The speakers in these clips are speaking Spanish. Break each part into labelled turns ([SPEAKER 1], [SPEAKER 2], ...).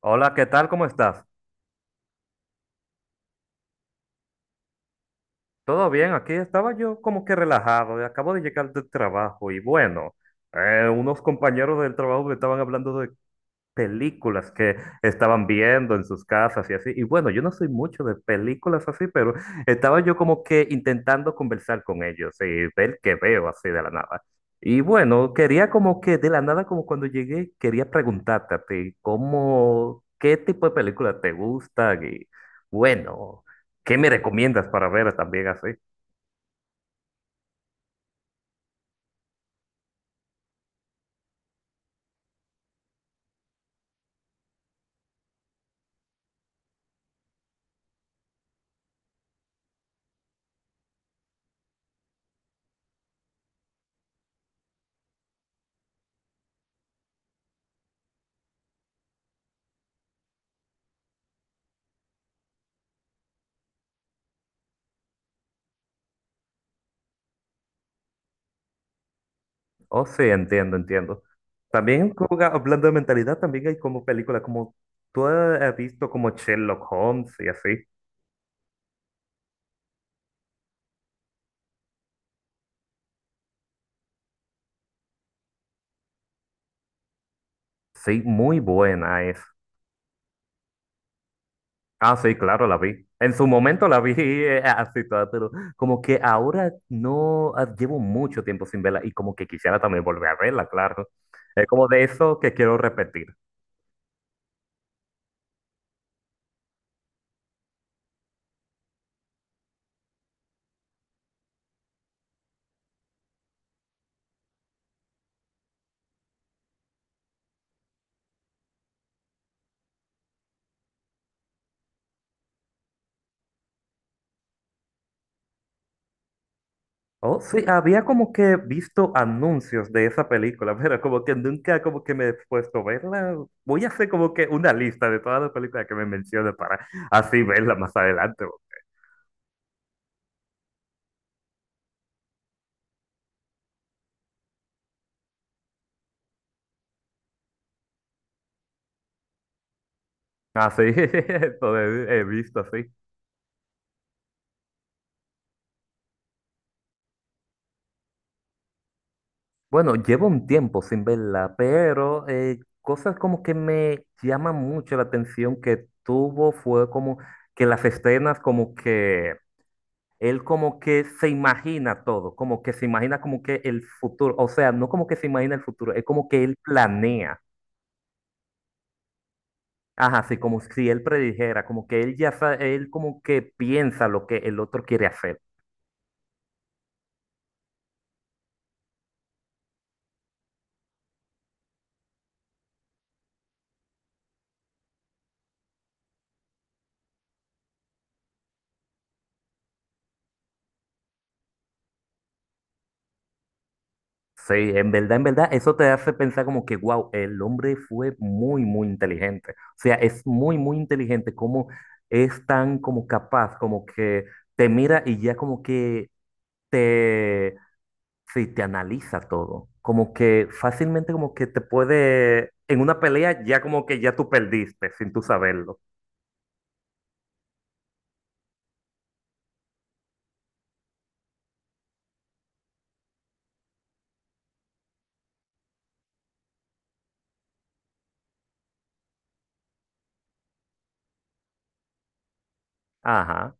[SPEAKER 1] Hola, ¿qué tal? ¿Cómo estás? ¿Todo bien? Aquí estaba yo como que relajado, y acabo de llegar del trabajo y bueno, unos compañeros del trabajo me estaban hablando de películas que estaban viendo en sus casas y así. Y bueno, yo no soy mucho de películas así, pero estaba yo como que intentando conversar con ellos y ver qué veo así de la nada. Y bueno, quería como que de la nada, como cuando llegué, quería preguntarte a ti, ¿cómo, qué tipo de películas te gustan? Y bueno, ¿qué me recomiendas para ver también así? Oh, sí, entiendo, entiendo. También como, hablando de mentalidad, también hay como películas como tú has visto como Sherlock Holmes y así. Sí, muy buena es. Ah, sí, claro, la vi. En su momento la vi así toda, pero como que ahora no llevo mucho tiempo sin verla y como que quisiera también volver a verla, claro. Es como de eso que quiero repetir. Oh, sí, había como que visto anuncios de esa película, pero como que nunca como que me he puesto a verla. Voy a hacer como que una lista de todas las películas que me menciones para así verla más adelante. Así, eso he visto así. Bueno, llevo un tiempo sin verla, pero cosas como que me llaman mucho la atención que tuvo fue como que las escenas como que él como que se imagina todo, como que se imagina como que el futuro, o sea, no como que se imagina el futuro, es como que él planea, ajá, sí, como si él predijera, como que él ya sabe, él como que piensa lo que el otro quiere hacer. Sí, en verdad, eso te hace pensar como que, wow, el hombre fue muy, muy inteligente. O sea, es muy, muy inteligente, como es tan como capaz, como que te mira y ya como que te sí, te analiza todo. Como que fácilmente como que te puede, en una pelea ya como que ya tú perdiste sin tú saberlo. Ajá.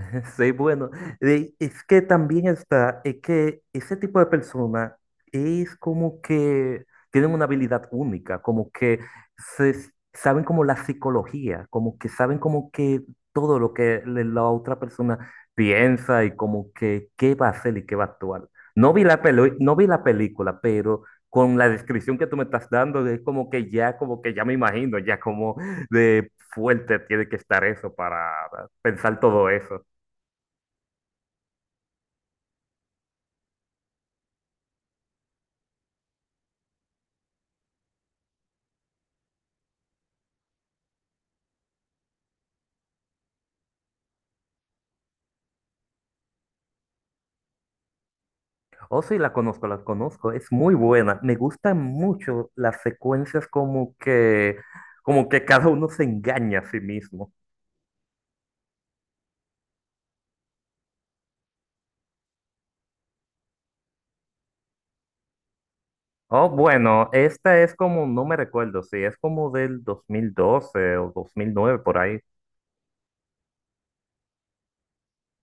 [SPEAKER 1] Sí, bueno, es que también está, es que ese tipo de persona es como que tienen una habilidad única, como que se, saben como la psicología, como que saben como que todo lo que la otra persona piensa y como que qué va a hacer y qué va a actuar. No vi la no vi la película, pero con la descripción que tú me estás dando, es como que ya me imagino, ya como de fuerte tiene que estar eso para pensar todo eso. Oh, sí, la conozco, la conozco. Es muy buena. Me gustan mucho las secuencias como que cada uno se engaña a sí mismo. Oh, bueno, esta es como, no me recuerdo, sí, es como del 2012 o 2009 por ahí.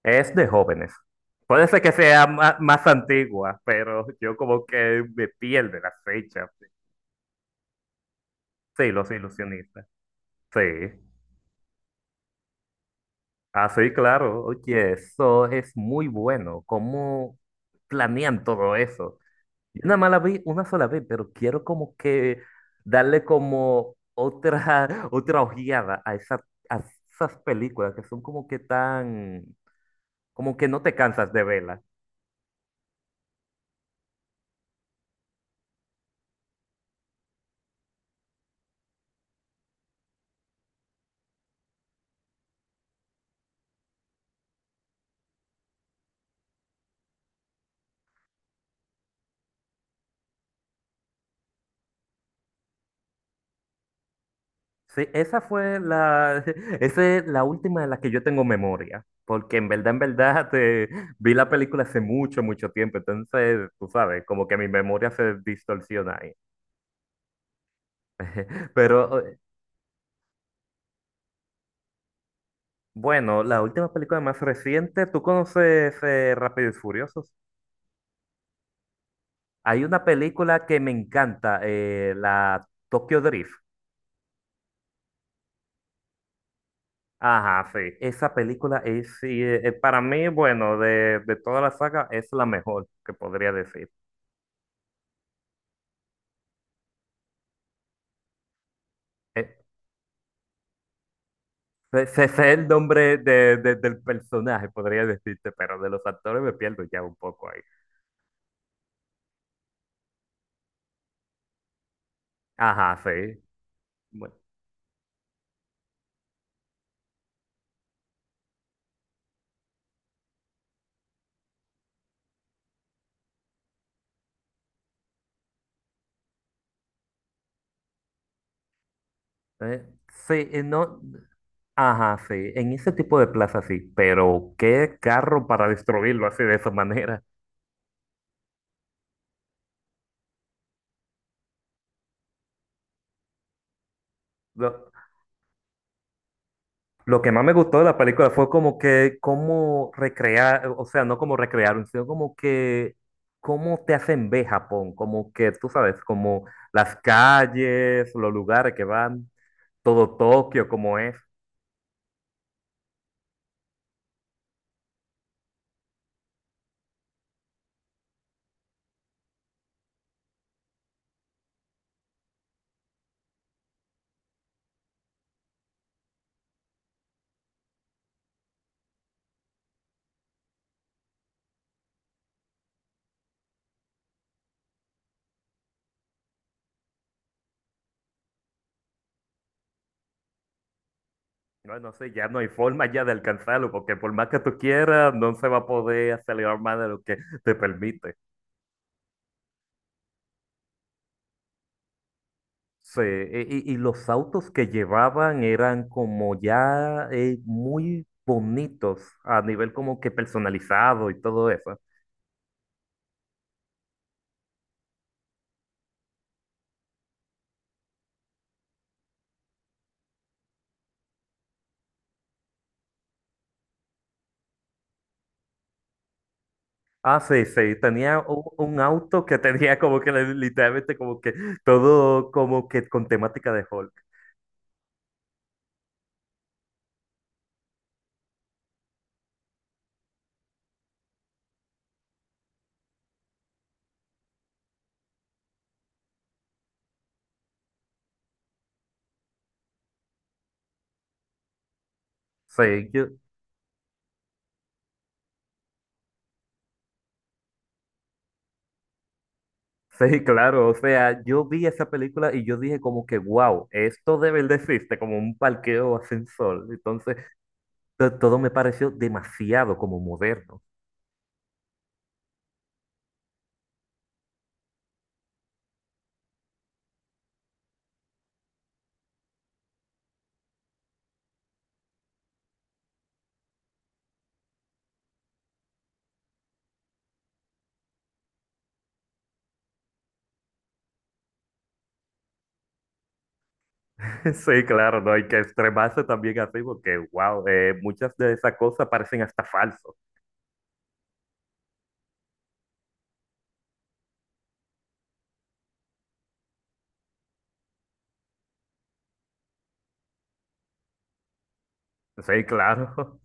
[SPEAKER 1] Es de jóvenes. Puede ser que sea más, antigua, pero yo como que me pierdo las fechas. Sí, los ilusionistas. Sí. Ah, sí, claro. Oye, eso es muy bueno. ¿Cómo planean todo eso? Yo nada más la vi una sola vez, pero quiero como que darle como otra, otra ojeada a, a esas películas que son como que tan, como que no te cansas de verlas. Sí, esa fue la, esa es la última de la que yo tengo memoria, porque en verdad, vi la película hace mucho, mucho tiempo, entonces, tú sabes, como que mi memoria se distorsiona ahí. Pero bueno, la última película más reciente, ¿tú conoces Rápido y Furioso? Hay una película que me encanta, la Tokyo Drift. Ajá, sí. Esa película es, sí, para mí, bueno, de toda la saga, es la mejor que podría decir. Eh, Ese es el nombre del personaje, podría decirte, pero de los actores me pierdo ya un poco ahí. Ajá, sí. Bueno, eh, sí, no, ajá, sí, en ese tipo de plaza sí, pero qué carro para destruirlo así de esa manera. No, lo que más me gustó de la película fue como que cómo recrear, o sea, no como recrearon, sino como que cómo te hacen ver Japón, como que tú sabes, como las calles, los lugares que van, todo Tokio como es. No, no sé, ya no hay forma ya de alcanzarlo, porque por más que tú quieras, no se va a poder acelerar más de lo que te permite. Sí, y, y los autos que llevaban eran como ya muy bonitos a nivel como que personalizado y todo eso. Ah, sí, sí, tenía un auto que tenía como que literalmente como que todo como que con temática de Hulk. Sí, sí, claro, o sea, yo vi esa película y yo dije como que, wow, esto debe de existe, como un parqueo sin sol. Entonces, todo me pareció demasiado como moderno. Sí, claro, no hay que extremarse también así porque, wow, muchas de esas cosas parecen hasta falsos. Sí, claro.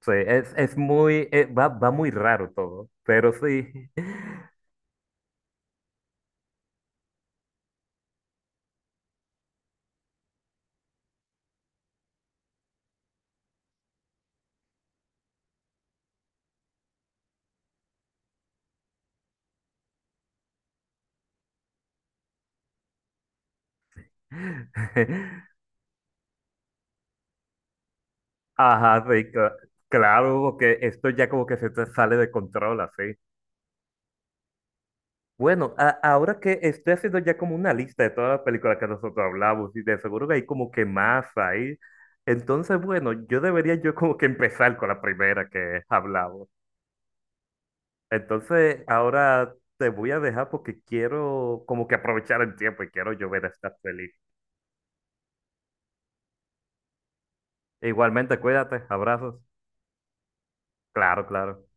[SPEAKER 1] Sí, es muy, va, va muy raro todo, pero sí. Ajá, sí, claro, porque esto ya como que se te sale de control, así. Bueno, ahora que estoy haciendo ya como una lista de todas las películas que nosotros hablamos, y de seguro que hay como que más ahí. Entonces, bueno, yo debería yo como que empezar con la primera que hablamos. Entonces, ahora te voy a dejar porque quiero como que aprovechar el tiempo y quiero yo ver estas películas. E igualmente, cuídate, abrazos. Claro, claro.